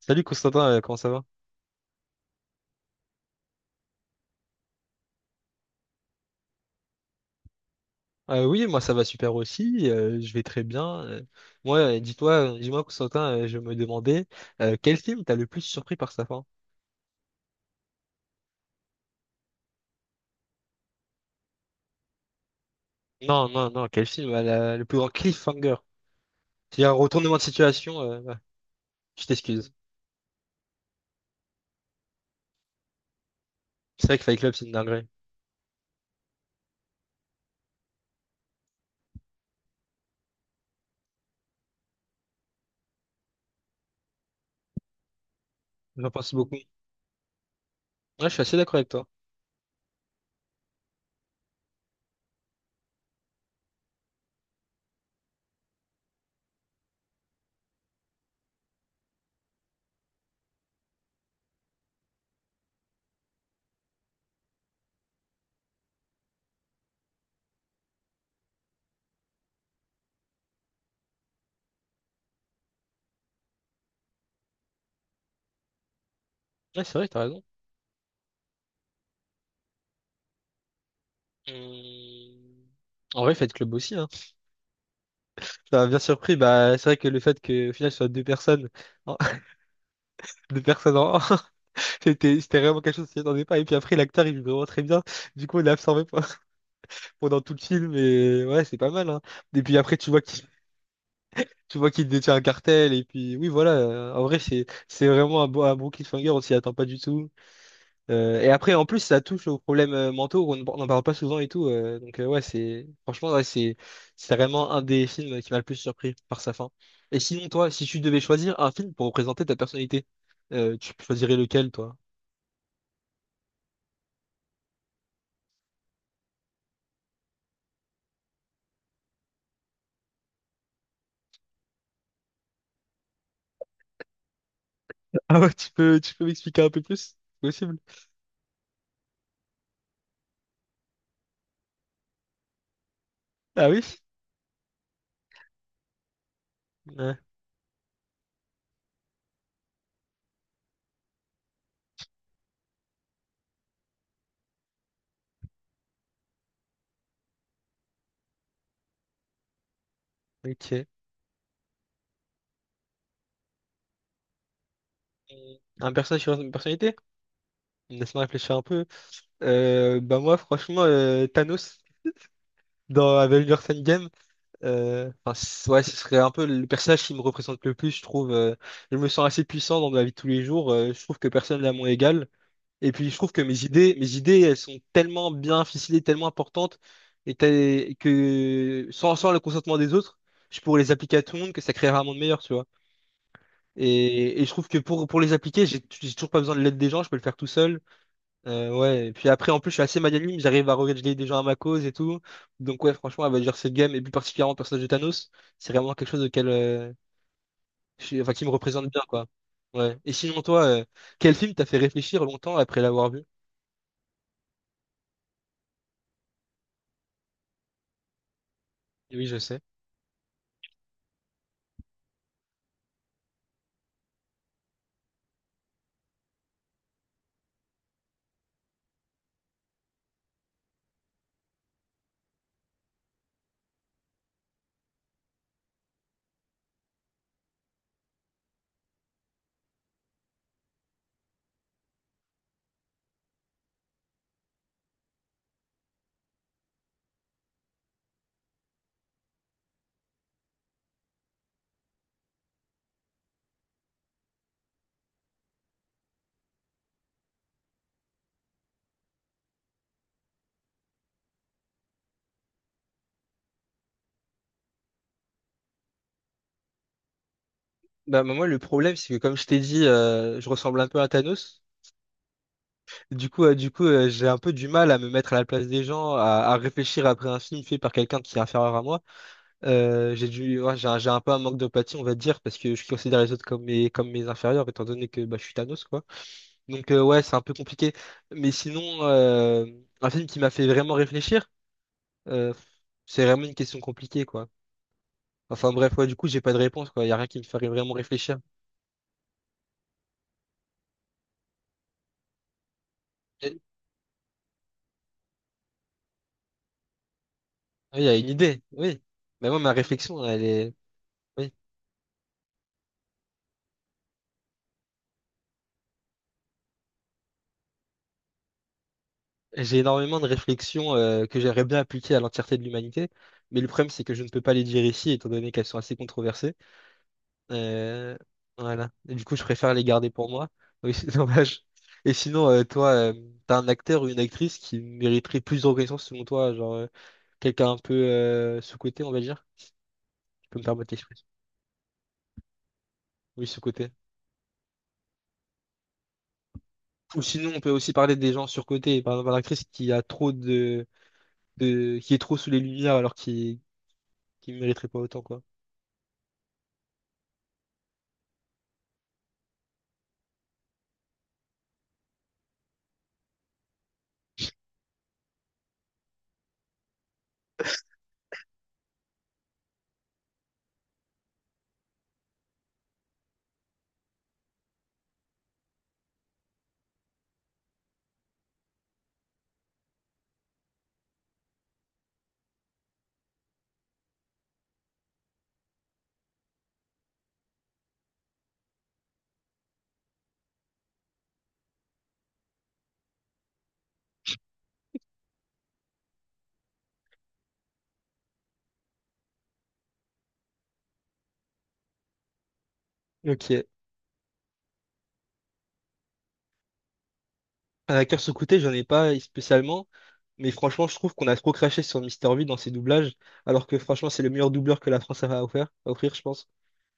Salut Constantin, comment ça va? Oui, moi ça va super aussi, je vais très bien. Moi, dis-moi Constantin, je me demandais quel film t'a le plus surpris par sa fin? Non, non, non, quel film a le plus grand cliffhanger? C'est un retournement de situation, ouais, je t'excuse. C'est vrai que Fight Club c'est une dinguerie. J'en pense beaucoup. Ouais, je suis assez d'accord avec toi. Ouais, c'est vrai, t'as raison. Hum, En vrai, Fight Club aussi, hein. Ça m'a bien surpris, bah c'est vrai que le fait que au final ce soit deux personnes, deux personnes en C'était vraiment quelque chose qui s'y attendait pas. Et puis après, l'acteur, il joue vraiment très bien. Du coup, on l'a absorbé pendant tout le film. Et ouais, c'est pas mal, hein. Et puis après, tu vois qu'il détient un cartel. Et puis oui, voilà. En vrai, c'est vraiment un bon cliffhanger. On s'y attend pas du tout. Et après, en plus, ça touche aux problèmes mentaux. On n'en parle pas souvent et tout. Donc ouais, c'est franchement, ouais, c'est vraiment un des films qui m'a le plus surpris par sa fin. Et sinon, toi, si tu devais choisir un film pour représenter ta personnalité, tu choisirais lequel, toi? Ah ouais, tu peux m'expliquer un peu plus? Possible. Ah oui? Ouais, ok. Un personnage sur une personnalité? Laisse-moi réfléchir un peu. Bah moi, franchement, Thanos dans Avengers Endgame, ouais, ce serait un peu le personnage qui me représente le plus, je trouve. Je me sens assez puissant dans ma vie de tous les jours. Je trouve que personne n'est à mon égal. Et puis, je trouve que mes idées, elles sont tellement bien ficelées, tellement importantes, et que sans le consentement des autres, je pourrais les appliquer à tout le monde, que ça créerait un monde meilleur, tu vois. Et je trouve que pour les appliquer, j'ai toujours pas besoin de l'aide des gens, je peux le faire tout seul. Ouais, et puis après, en plus, je suis assez magnanime, j'arrive à régler des gens à ma cause et tout. Donc ouais, franchement, elle va dire cette game, et plus particulièrement le personnage de Thanos, c'est vraiment quelque chose auquel, enfin, qui me représente bien, quoi. Ouais. Et sinon, toi, quel film t'a fait réfléchir longtemps après l'avoir vu? Oui, je sais. Bah, bah, moi, le problème, c'est que comme je t'ai dit, je ressemble un peu à Thanos. Du coup, j'ai un peu du mal à me mettre à la place des gens, à réfléchir après un film fait par quelqu'un qui est inférieur à moi. Ouais, j'ai un peu un manque d'empathie, on va dire, parce que je considère les autres comme comme mes inférieurs, étant donné que bah, je suis Thanos, quoi. Donc, ouais, c'est un peu compliqué. Mais sinon, un film qui m'a fait vraiment réfléchir, euh, c'est vraiment une question compliquée, quoi. Enfin, bref, ouais, du coup, j'ai pas de réponse, quoi. Il y a rien qui me ferait vraiment réfléchir. Et- oui, il y a une idée, oui. Mais moi, ma réflexion, elle est. Oui. J'ai énormément de réflexions que j'aimerais bien appliquer à l'entièreté de l'humanité, mais le problème, c'est que je ne peux pas les dire ici, étant donné qu'elles sont assez controversées. Euh, voilà. Et du coup, je préfère les garder pour moi. Oui, c'est dommage. Et sinon, toi, t'as un acteur ou une actrice qui mériterait plus de reconnaissance selon toi, genre quelqu'un un peu sous-coté, on va dire. Tu peux me permettre l'expression. Oui, sous-coté. Ou sinon, on peut aussi parler des gens surcotés. Par exemple, l'actrice qui a trop de, qui est trop sous les lumières alors qu'il qui mériterait pas autant, quoi. Ok. Un acteur sous côté j'en ai pas spécialement, mais franchement, je trouve qu'on a trop craché sur Mister V dans ses doublages, alors que franchement, c'est le meilleur doubleur que la France a à offrir, je pense.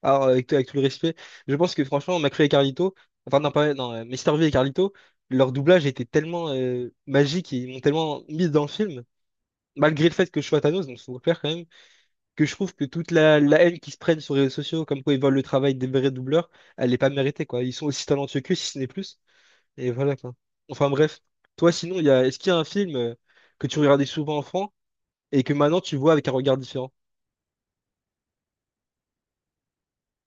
Alors, avec tout le respect, je pense que franchement, McFly et Carlito, enfin, non, pas, non, Mr. V et Carlito, leur doublage était tellement magique et ils m'ont tellement mis dans le film, malgré le fait que je sois Thanos, donc faut le faire quand même, que je trouve que toute la haine qu'ils se prennent sur les réseaux sociaux, comme quoi ils volent le travail des vrais doubleurs, elle n'est pas méritée, quoi. Ils sont aussi talentueux qu'eux, si ce n'est plus. Et voilà quoi. Enfin bref, toi sinon, il y a... est-ce qu'il y a un film que tu regardais souvent enfant et que maintenant tu vois avec un regard différent?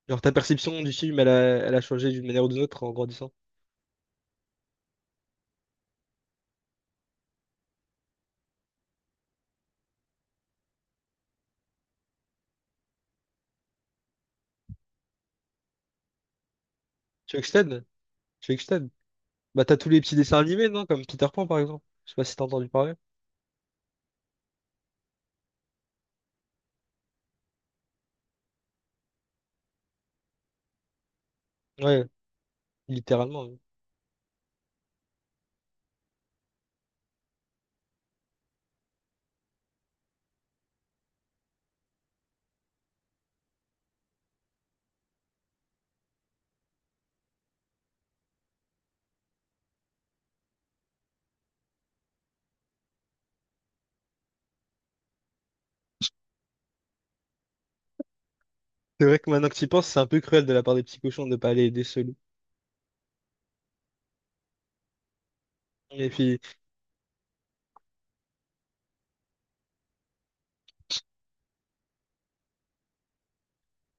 Genre ta perception du film, elle a changé d'une manière ou d'une autre en grandissant. Tu veux que je t'aide? Tu veux que je t'aide? Bah t'as tous les petits dessins animés, non? Comme Peter Pan par exemple. Je sais pas si t'as entendu parler. Ouais, littéralement, oui. C'est vrai que maintenant que tu y penses, c'est un peu cruel de la part des petits cochons de ne pas aller aider ce loup. Et puis,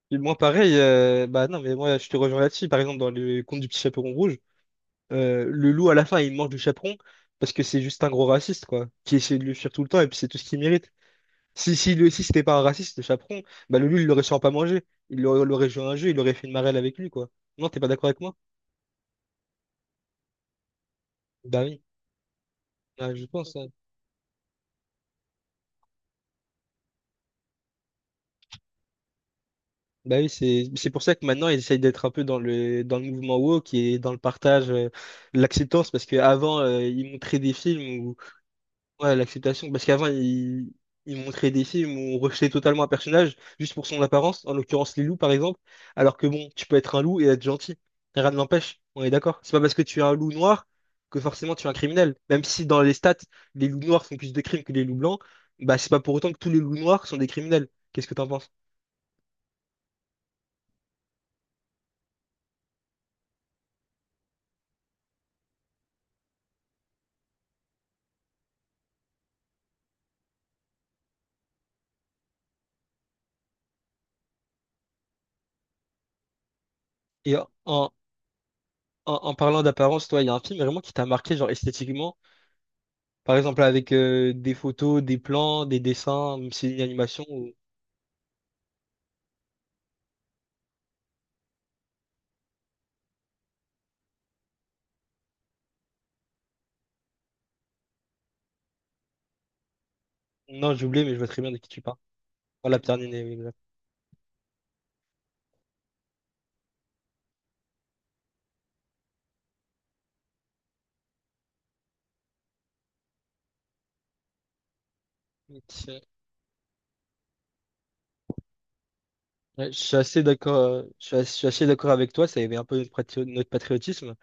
puis moi pareil, bah non mais moi je te rejoins là-dessus. Par exemple dans le conte du petit chaperon rouge. Le loup, à la fin, il mange du chaperon parce que c'est juste un gros raciste, quoi, qui essaie de le fuir tout le temps et puis c'est tout ce qu'il mérite. Si, si, si c'était pas un raciste, le chaperon, bah le loup, il l'aurait sûrement pas mangé. Il l'aurait l'aurait joué à un jeu, il aurait fait une marelle avec lui, quoi. Non, t'es pas d'accord avec moi? Bah oui, ah, je pense, ouais. Bah oui, c'est pour ça que maintenant, ils essayent d'être un peu dans dans le mouvement woke et dans le partage, l'acceptance, parce qu'avant, ils montraient des films. Ouais, l'acceptation. Parce qu'avant, ils montraient des films où on rejetait totalement un personnage juste pour son apparence, en l'occurrence les loups par exemple. Alors que bon, tu peux être un loup et être gentil. Rien ne l'empêche, on est d'accord. C'est pas parce que tu es un loup noir que forcément tu es un criminel. Même si dans les stats, les loups noirs font plus de crimes que les loups blancs, bah c'est pas pour autant que tous les loups noirs sont des criminels. Qu'est-ce que t'en penses? Et en parlant d'apparence, toi, il y a un film vraiment qui t'a marqué, genre esthétiquement. Par exemple, avec des photos, des plans, des dessins, même si c'est une animation, ou- Non, j'ai oublié, mais je vois très bien de qui tu parles. Voilà, Pierre Niney, oui, exact. Ok. Ouais, je suis assez d'accord, je suis assez d'accord avec toi, ça éveille un peu notre patriotisme.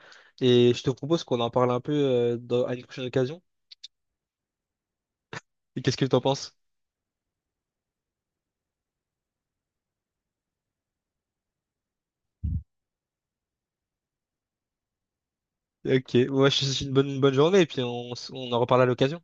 Et je te propose qu'on en parle un peu à une prochaine occasion. Et qu'est-ce que tu en penses? Ok, ouais, je te souhaite une bonne journée et puis on en reparle à l'occasion.